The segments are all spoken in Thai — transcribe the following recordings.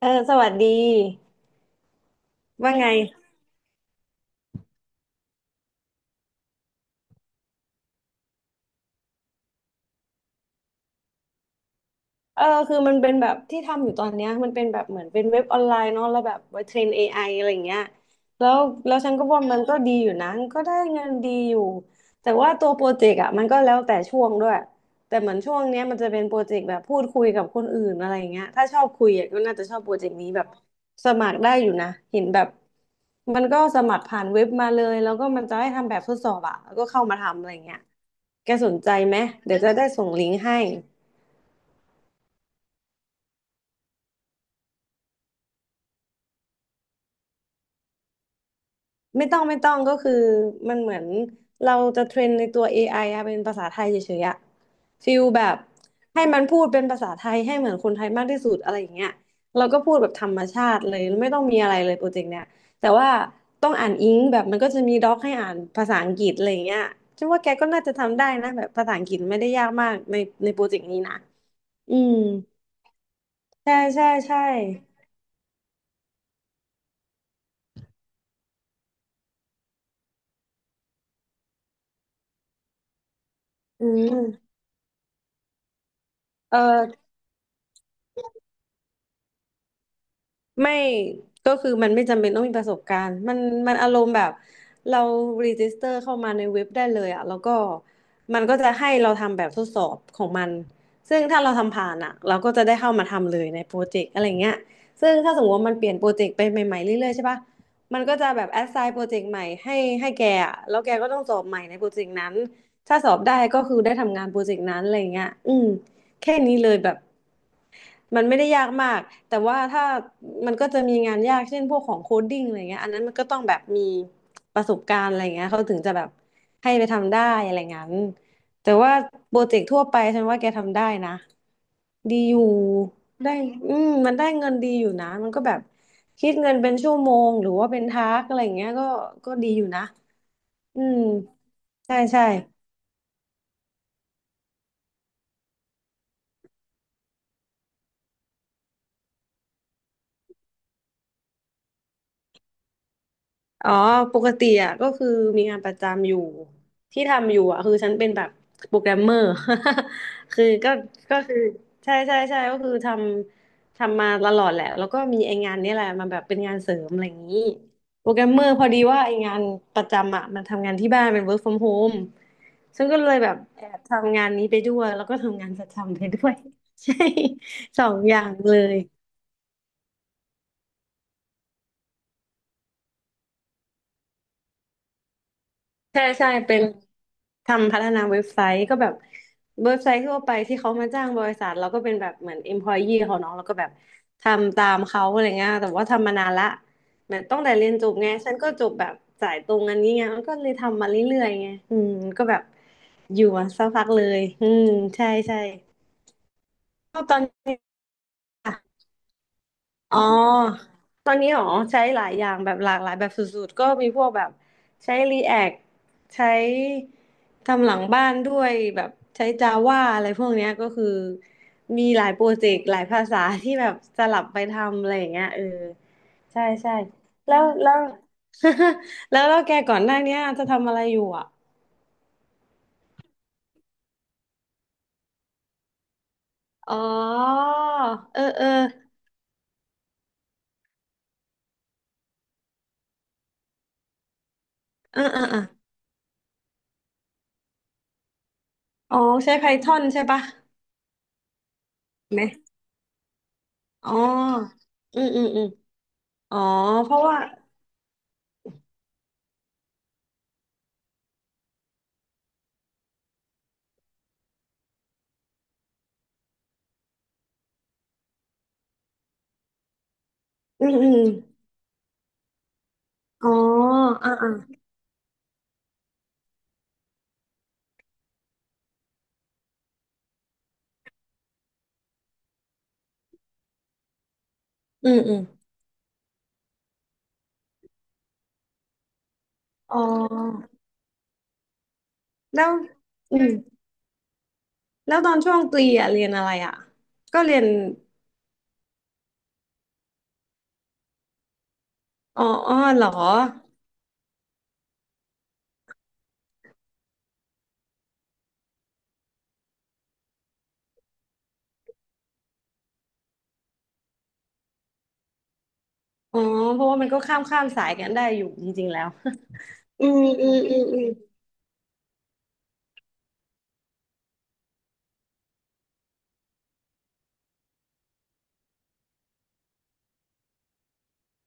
เออสวัสดีว่าไงคือมันเป็นแบบที่ทำอยู่ตอนเนี้ยมันเป็นแบบเหมือนเป็นเว็บออนไลน์เนาะแล้วแบบไว้เทรน AI อะไรอย่างเงี้ยแล้วแล้วฉันก็ว่ามันก็ดีอยู่นะมันก็ได้เงินดีอยู่แต่ว่าตัวโปรเจกต์อ่ะมันก็แล้วแต่ช่วงด้วยแต่เหมือนช่วงเนี้ยมันจะเป็นโปรเจกต์แบบพูดคุยกับคนอื่นอะไรอย่างเงี้ยถ้าชอบคุยอะก็น่าจะชอบโปรเจกต์นี้แบบสมัครได้อยู่นะเห็นแบบมันก็สมัครผ่านเว็บมาเลยแล้วก็มันจะให้ทำแบบทดสอบอ่ะแล้วก็เข้ามาทำอะไรอย่างเงี้ย แกสนใจไหม เดี๋ยวจะได้ส่งลิงก์ให้ ไม่ต้องไม่ต้องก็คือมันเหมือนเราจะเทรนในตัว AI อไออะเป็นภาษาไทยเฉยๆอะฟิลแบบให้มันพูดเป็นภาษาไทยให้เหมือนคนไทยมากที่สุดอะไรอย่างเงี้ยเราก็พูดแบบธรรมชาติเลยไม่ต้องมีอะไรเลยโปรเจกต์เนี้ยแต่ว่าต้องอ่านอิงแบบมันก็จะมีด็อกให้อ่านภาษาอังกฤษอะไรอย่างเงี้ยฉันว่าแกก็น่าจะทำได้นะแบบภาษาอังกฤษไม่ได้ยากมากในโปรเจกต์นี้นะอืมใช่ใช่ใช่อืมเออ ไม่ก็คือมันไม่จำเป็นต้องมีประสบการณ์มันอารมณ์แบบเรารีจิสเตอร์เข้ามาในเว็บได้เลยอะแล้วก็มันก็จะให้เราทำแบบทดสอบของมันซึ่งถ้าเราทำผ่านอะเราก็จะได้เข้ามาทำเลยในโปรเจกต์อะไรเงี้ยซึ่งถ้าสมมติว่ามันเปลี่ยนโปรเจกต์ไปใหม่ๆเรื่อยๆใช่ปะมันก็จะแบบแอสไซน์โปรเจกต์ใหม่ให้แกอะแล้วแกก็ต้องสอบใหม่ในโปรเจกต์นั้นถ้าสอบได้ก็คือได้ทำงานโปรเจกต์นั้นอะไรเงี้ยอืมแค่นี้เลยแบบ มันไม่ได้ยากมาก แต่ว่าถ้ามันก็จะมีงานยากเช่นพวกของโคดดิ้งอะไรเงี้ยอันนั้นมันก็ต้องแบบมีประสบการณ์อะไรเงี้ยเขาถึงจะแบบให้ไปทำได้อะไรงั้นแต่ว่าโปรเจกต์ทั่วไปฉันว่าแกทำได้นะดีอยู่ได้ อืมมันได้เงินดีอยู่นะ มันก็แบบคิดเงินเป็นชั่วโมงหรือว่าเป็นทาสอะไรเงี้ยก็ก็ดีอยู่นะ อืมใช่ใช่ อ๋อปกติอ่ะก็คือมีงานประจำอยู่ที่ทำอยู่อ่ะคือฉันเป็นแบบโปรแกรมเมอร์ คือก็ก็คือใช่ใช่ใช่ก็คือทำมาตลอดแหละแล้วก็มีไอ้งานเนี้แหละมาแบบเป็นงานเสริมอะไรอย่างนี้โปรแกรมเมอร์พอดีว่าไอ้งานประจำอ่ะมันทำงานที่บ้านเป็น work from home ฉันก็เลยแบบแอบทำงานนี้ไปด้วยแล้วก็ทำงานประจำไปด้วย ใช่ สองอย่างเลย ใช่ใช่เป็นทำพัฒนาเว็บไซต์ก็แบบเว็บไซต์ทั่วไปที่เขามาจ้างบริษัทเราก็เป็นแบบเหมือน employee เขาเนาะเราก็แบบทำตามเขาอะไรเงี้ยแต่ว่าทำมานานละเหมือนตั้งแต่เรียนจบไงฉันก็จบแบบสายตรงอันนี้ไงมันก็เลยทำมาเรื่อยๆไงอืมก็แบบอยู่มาสักพักเลยอืมใช่ใช่ก็ตอนนี้ อ๋อตอนนี้หรอใช้หลายอย่างแบบหลากหลายแบบสุดๆก็มีพวกแบบใช้ React ใช้ทำหลังบ้านด้วยแบบใช้ Java อะไรพวกเนี้ยก็คือมีหลายโปรเจกต์หลายภาษาที่แบบสลับไปทำอะไรอย่างเงี้ยเออใช่ใช่แล้วแล้ว แล้วแล้วแกก่อนหน้าเนี้ยจะทำอะไรอยู่อ่ะอ๋อเออเออเออเออเอออ๋อใช้ Python ใช่ปะไหมอ๋ออืมอืมอืม อ๋อเพราะว่าอืมอืมอ๋ออ่าอ่าอืมอืมอ๋อแล้วอืมแล้วตอนช่วงตรีอ่ะเรียนอะไรอ่ะก็เรียนอ๋ออ๋อเหรออ๋อเพราะว่ามันก็ข้ามสายกันได้อยู่จริงๆแล้ว อืมอืมอืมอืม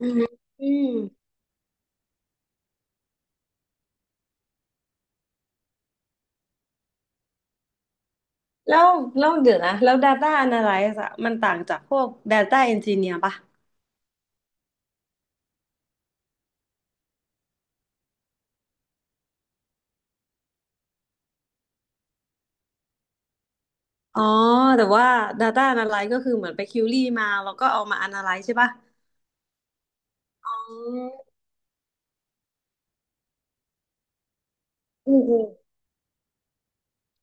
อืมอืมแล้วแล้วเดี๋ยวนะแล้ว Data Analysis อะมันต่างจากพวก Data Engineer ป่ะอ๋อแต่ว่า Data Analysis ก็คือเหมือนไปคิวรี่มาแล้วก็เอามา Analyze ใช่ป่ะอ๋ออืม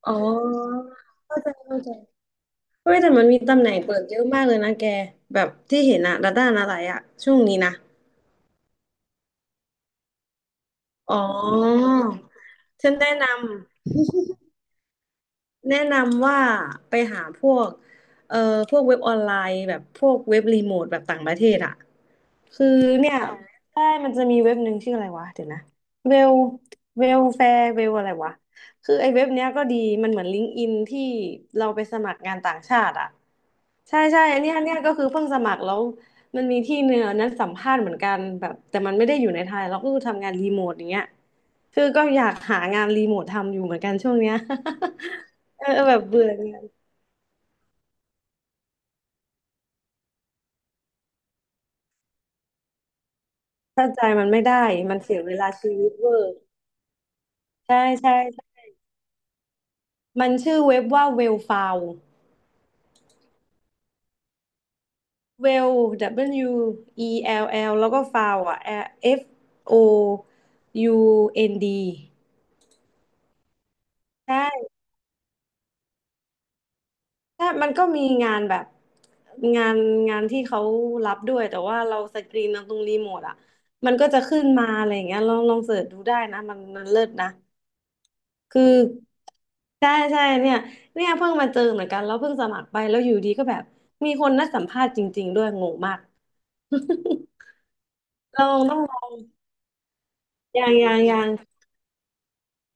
อ๋อเข้าใจเข้าใจเฮ้ยแต่มันมีตำแหน่งเปิดเยอะมากเลยนะแกแบบที่เห็นอะระด้านอะไรอะช่วงนี้นะอ๋อฉันแนะนำ แนะนำว่าไปหาเอ่อพวกเว็บออนไลน์แบบพวกเว็บรีโมทแบบต่างประเทศอ่ะคือเนี่ยใช่มันจะมีเว็บหนึ่งชื่ออะไรวะเดี๋ยวนะเวลเวลแฟร์เวลอะไรวะคือไอ้เว็บเนี้ยก็ดีมันเหมือนลิงก์อินที่เราไปสมัครงานต่างชาติอ่ะใช่ใช่อันเนี้ยก็คือเพิ่งสมัครแล้วมันมีที่เนื้อนนั้นสัมภาษณ์เหมือนกันแบบแต่มันไม่ได้อยู่ในไทยเราก็คือทำงานรีโมทอย่างเงี้ยคือก็อยากหางานรีโมททำอยู่เหมือนกันช่วงเนี้ย เออแบบเบื่องานถ้าใจมันไม่ได้ มันเสียเวลาชีวิตเวอร์ใช่ใช่ใช่ มันชื่อเว็บว่า Well f u n d Well W E L L แล้วก็ File อ่ะ F O U N D ใช่ใช่มันก็มีงานแบบงานงานที่เขารับด้วยแต่ว่าเราสกรีนเอาตรงรีโมทอ่ะมันก็จะขึ้นมาอะไรอย่างเงี้ยลองลองเสิร์ชดูได้นะมันเลิศนะ คือใช่ใช่เนี่ยเนี่ยเพิ่งมาเจอเหมือนกันแล้วเพิ่งสมัครไปแล้วอยู่ดีก็แบบมีคนนัดสัมภาษณ์จริงๆด้วยงงมาก ลองต้องลองยังยังยัง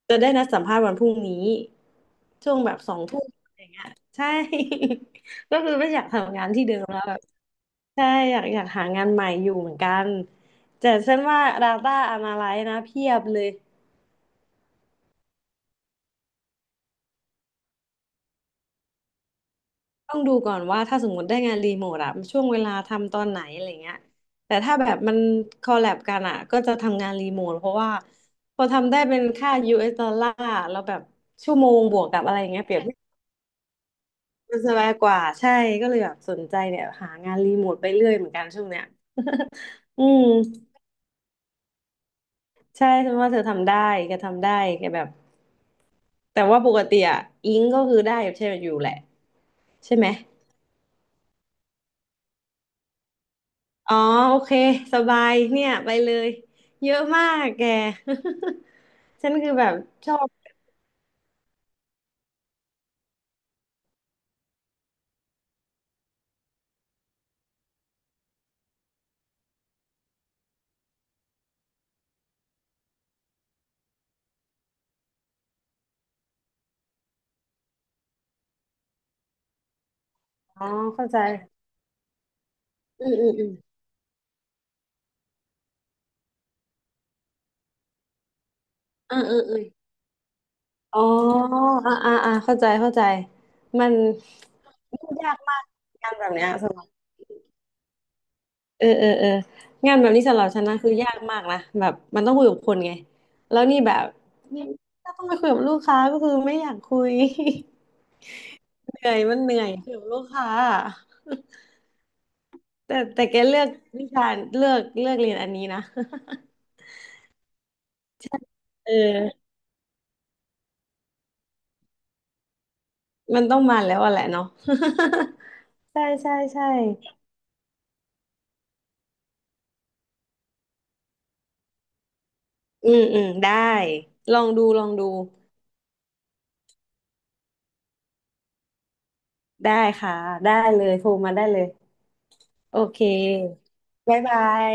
จะได้นัดสัมภาษณ์วันพรุ่งนี้ช่วงแบบสองทุ่มอะไรเงี้ยใช่ ก็คือไม่อยากทำงานที่เดิมแล้วแบบใช่อยากอยากหางานใหม่อยู่เหมือนกันแต่ฉันว่า Data Analyst นะเพียบเลย ต้องดูก่อนว่าถ้าสมมติได้งานรีโมทอะช่วงเวลาทำตอนไหนอะไรเงี้ยแต่ถ้าแบบมันคอลแลบกันอะก็จะทำงานรีโมทเพราะว่าพอทำได้เป็นค่า US ดอลลาร์แล้วแบบชั่วโมงบวกกับอะไรเงี้ยเปรียบเทียบมันสบายกว่าใช่ก็เลยแบบสนใจเนี่ยหางานรีโมทไปเรื่อยเหมือนกันช่วงเนี้ย อืมใช่ฉันว่าเธอทำได้แกทำได้แกแบบแต่ว่าปกติอะอิงก็คือได้อยู่ใช่อยู่แหละใช่ไหม อ๋อโอเคสบายเนี่ยไปเลยเยอะมากแก ฉันคือแบบชอบอ๋อเข้าใจอืมอืมอืมอืมอืมอมอ๋ออ่าอ่าอ่าเข้าใจเข้าใจมันยุ่งยากมากงานแบบเนี้ยสำหรับเออเออเอองานแบบนี้สำหรับฉันนะคือยากมากนะแบบมันต้องคุยกับคนไงแล้วนี่แบบนี่ถ้าต้องไปคุยกับลูกค้าก็คือไม่อยากคุย เหนื่อยมันเหนื่อยคุยกับลูกค้า แต่แกเลือกวิชาเลือกเรียนอันนี้นะ เออมันต้องมาแล้วอะแหละเนาะ ใช่ใช่ใช่อืมอืมได้ลองดูลองดูได้ค่ะได้เลยโทรมาได้เลยโอเคบ๊ายบาย